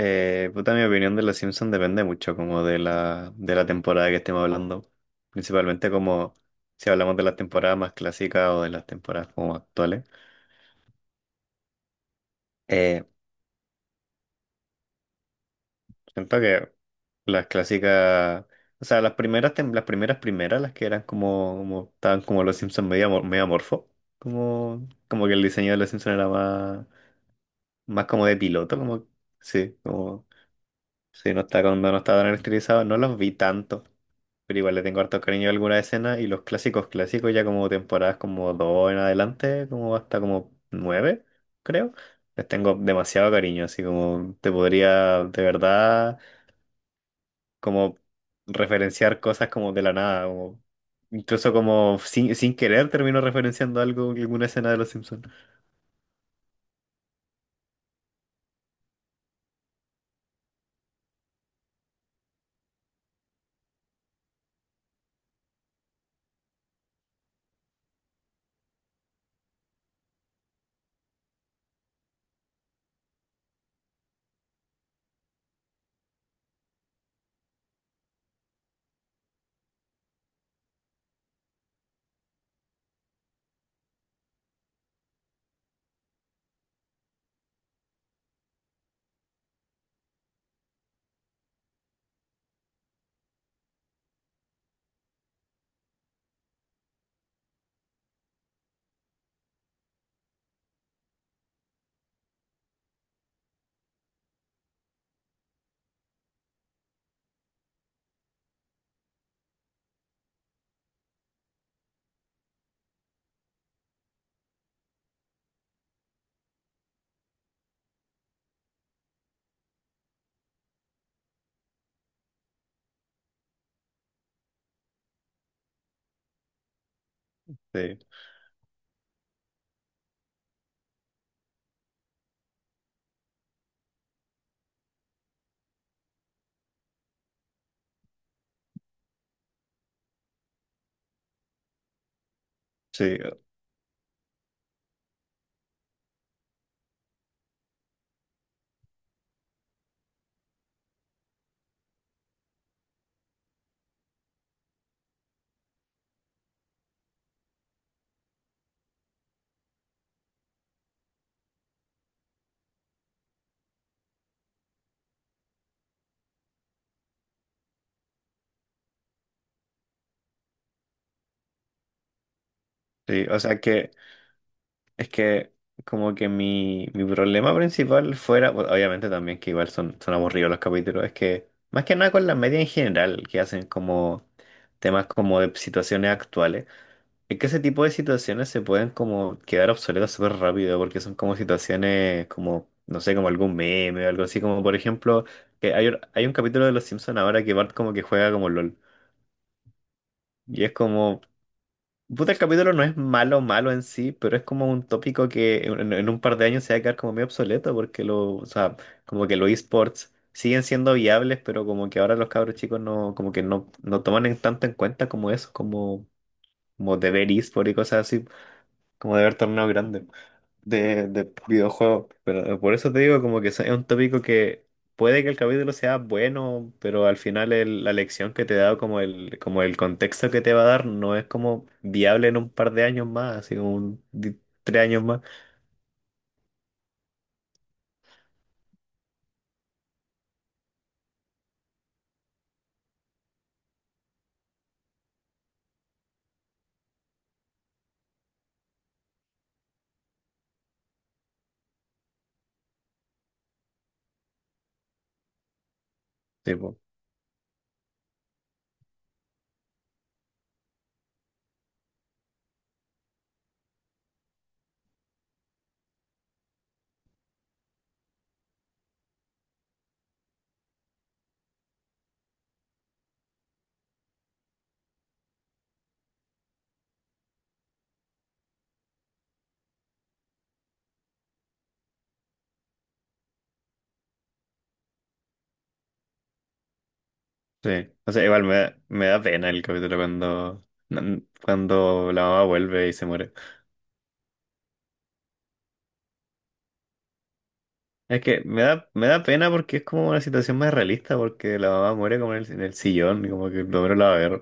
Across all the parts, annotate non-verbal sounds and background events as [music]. Puta, mi opinión de Los Simpsons depende mucho como de la temporada que estemos hablando. Principalmente como si hablamos de las temporadas más clásicas o de las temporadas como actuales. Eh, Siento que las clásicas, o sea, las primeras, las primeras primeras, las que eran como estaban como Los Simpsons medio, medio amorfo. Como que el diseño de Los Simpsons era más como de piloto, como, sí, como. Sí, no está cuando no está tan estilizado, no los vi tanto. Pero igual le tengo harto cariño a alguna escena y los clásicos clásicos ya como temporadas como dos en adelante, como hasta como 9, creo. Les tengo demasiado cariño, así como te podría de verdad como referenciar cosas como de la nada, como incluso como sin querer termino referenciando algo, alguna escena de Los Simpsons. Sí, sí, sí. O sea que. Es que como que mi problema principal fuera, bueno, obviamente también que igual son, aburridos los capítulos, es que más que nada con la media en general, que hacen como temas como de situaciones actuales, es que ese tipo de situaciones se pueden como quedar obsoletas súper rápido, porque son como situaciones como, no sé, como algún meme o algo así, como por ejemplo, que hay, hay un capítulo de Los Simpsons ahora que Bart como que juega como LOL. Y es como, puta, el capítulo no es malo malo en sí, pero es como un tópico que en un par de años se va a quedar como medio obsoleto porque lo, o sea, como que los esports siguen siendo viables, pero como que ahora los cabros chicos no, como que no toman en tanto en cuenta como eso, como, como de ver esports y cosas así, como de ver torneos grandes de videojuegos. Pero por eso te digo como que es un tópico que puede que el capítulo sea bueno, pero al final la lección que te da, como el contexto que te va a dar, no es como viable en un par de años más, así como tres años más. Sí, po. Sí. O sea, igual me da pena el capítulo cuando la mamá vuelve y se muere. Es que me da pena porque es como una situación más realista, porque la mamá muere como en el, sillón, y como que el hombre la va a ver.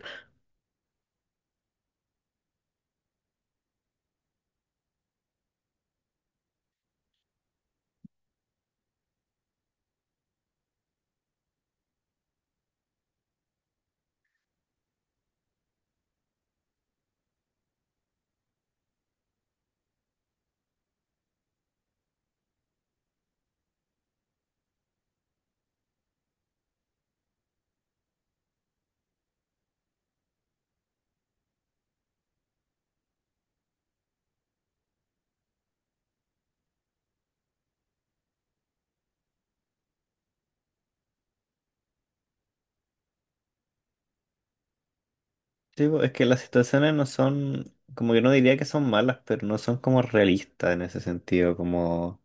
Sí, pues, es que las situaciones no son, como que no diría que son malas, pero no son como realistas en ese sentido, como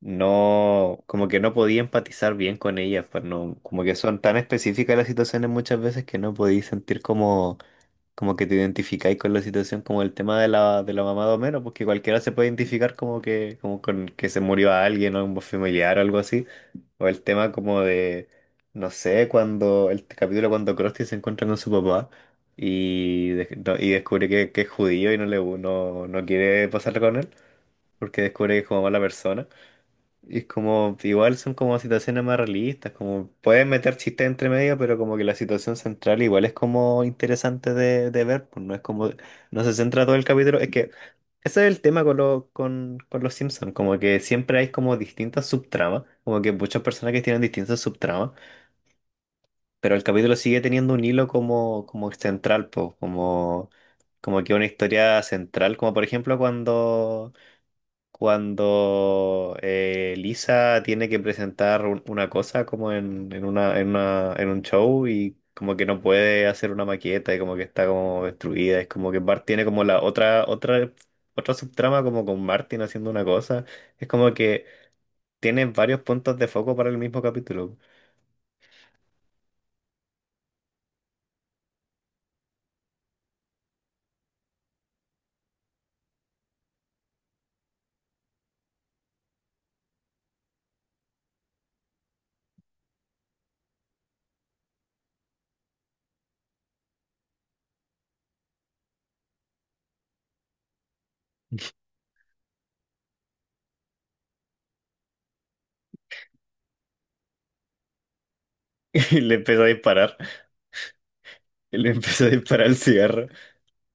no, como que no podía empatizar bien con ellas, pues no, como que son tan específicas las situaciones muchas veces que no podía sentir como como que te identificáis con la situación, como el tema de la, mamá de Homero, porque cualquiera se puede identificar como que, como con que se murió alguien o un familiar o algo así. O el tema como de, no sé, cuando, el capítulo cuando Krusty se encuentra con su papá y, y descubre que es judío y no le no, no quiere pasar con él, porque descubre que es como mala persona. Y es como, igual son como situaciones más realistas, como pueden meter chistes entre medio, pero como que la situación central igual es como interesante de ver, pues no es como, no se centra todo el capítulo, es que ese es el tema con los Simpsons, como que siempre hay como distintas subtramas, como que muchas personajes tienen distintas subtramas, pero el capítulo sigue teniendo un hilo como, como central, pues, como, como que una historia central, como por ejemplo cuando cuando Lisa tiene que presentar una cosa como en, en un show y como que no puede hacer una maqueta y como que está como destruida. Es como que Bart tiene como la otra subtrama como con Martin haciendo una cosa. Es como que tiene varios puntos de foco para el mismo capítulo. [laughs] Y le empezó a disparar. Y le empezó a disparar el cigarro.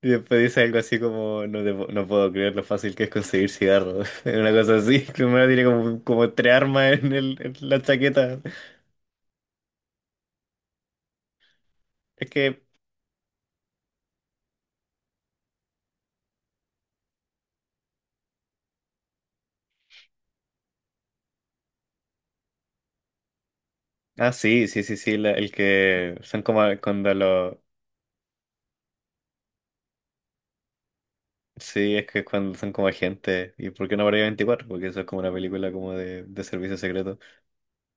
Y después dice algo así como, no, no puedo creer lo fácil que es conseguir cigarros. [laughs] Una cosa así. Primero tiene como, como tres armas en, el, en la chaqueta. Es que… Ah, sí, sí, sí, sí. El que son como cuando lo… Sí, es que cuando son como agentes. ¿Y por qué no habría 24? Porque eso es como una película como de servicio secreto.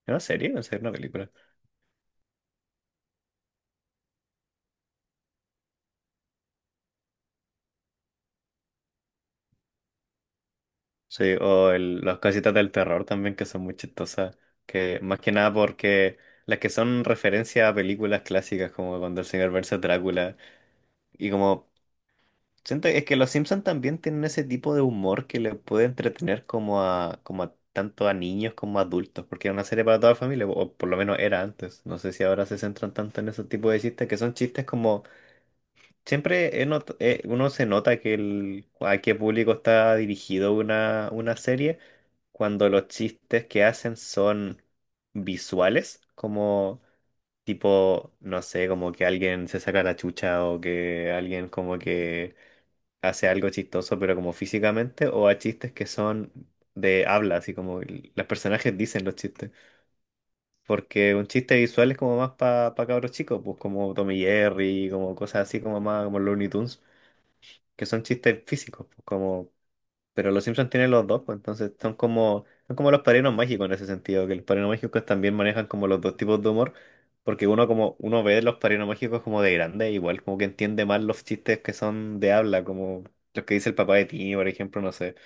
¿Es una serie? ¿En serio? ¿Una película? Sí, o el, las casitas del terror también que son muy chistosas. Que más que nada porque… Las que son referencia a películas clásicas, como cuando el señor versus Drácula, y como siento es que los Simpsons también tienen ese tipo de humor que le puede entretener como a tanto a niños como a adultos, porque era una serie para toda la familia, o por lo menos era antes. No sé si ahora se centran tanto en ese tipo de chistes, que son chistes como siempre he uno se nota que el, a qué público está dirigido una serie cuando los chistes que hacen son visuales, como tipo, no sé, como que alguien se saca la chucha o que alguien como que hace algo chistoso, pero como físicamente, o a chistes que son de habla, así como los personajes dicen los chistes. Porque un chiste visual es como más para cabros chicos, pues como Tommy Jerry, como cosas así como más como Looney Tunes, que son chistes físicos, pues, como pero los Simpsons tienen los dos, pues entonces son como los padrinos mágicos en ese sentido, que los padrinos mágicos también manejan como los dos tipos de humor, porque uno como uno ve los padrinos mágicos como de grande, igual como que entiende más los chistes que son de habla, como los que dice el papá de Timmy, por ejemplo, no sé,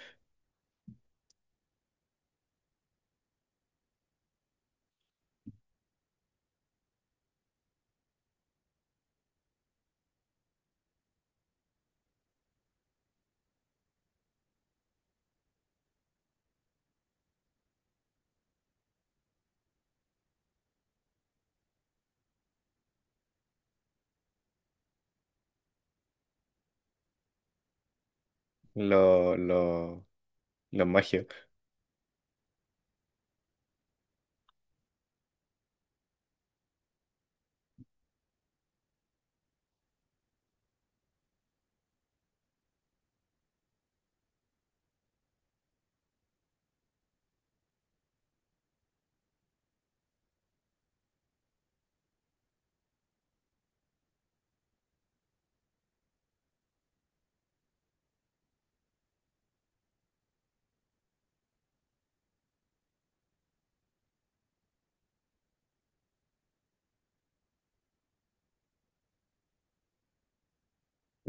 los lo, los magios. [laughs]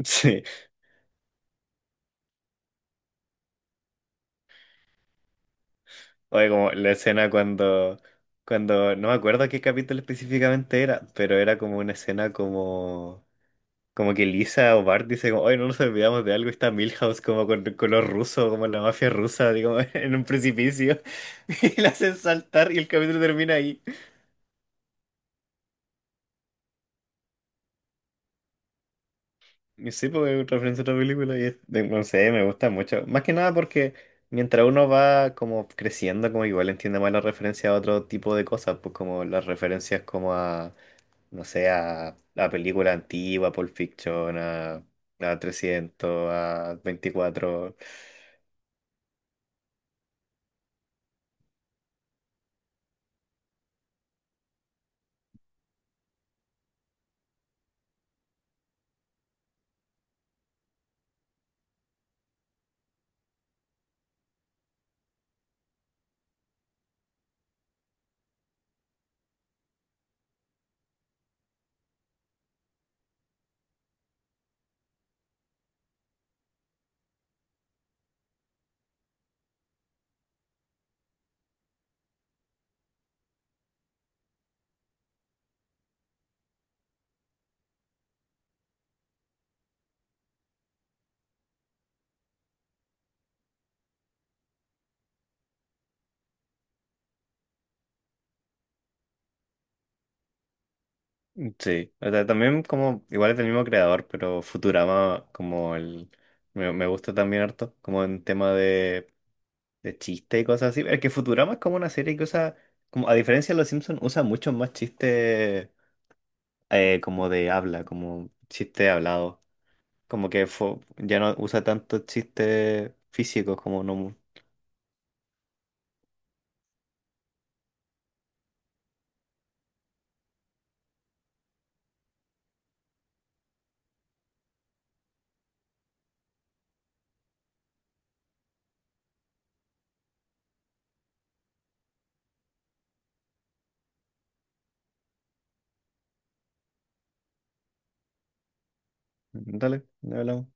Sí, oye, como la escena cuando, cuando, no me acuerdo qué capítulo específicamente era, pero era como una escena como. Como que Lisa o Bart dice como, oye, no nos olvidamos de algo, y está Milhouse como con color ruso, como la mafia rusa, digo, [laughs] en un precipicio, [laughs] y la hacen saltar y el capítulo termina ahí. Y sí, porque es referencia a otra película y es, de- no sé, me gusta mucho. Más que nada porque mientras uno va como creciendo, como igual entiende más la referencia a otro tipo de cosas, pues como las referencias como a, no sé, a la película antigua, Pulp Fiction, a 300, a 24. Mm, sí, o sea, también como, igual es el mismo creador, pero Futurama como el, me gusta también harto, como en tema de chiste y cosas así. Es que Futurama es como una serie que usa, como a diferencia de Los Simpsons, usa mucho más chiste como de habla, como chiste hablado. Como que ya no usa tanto chiste físico como no… Dale, ya hablamos.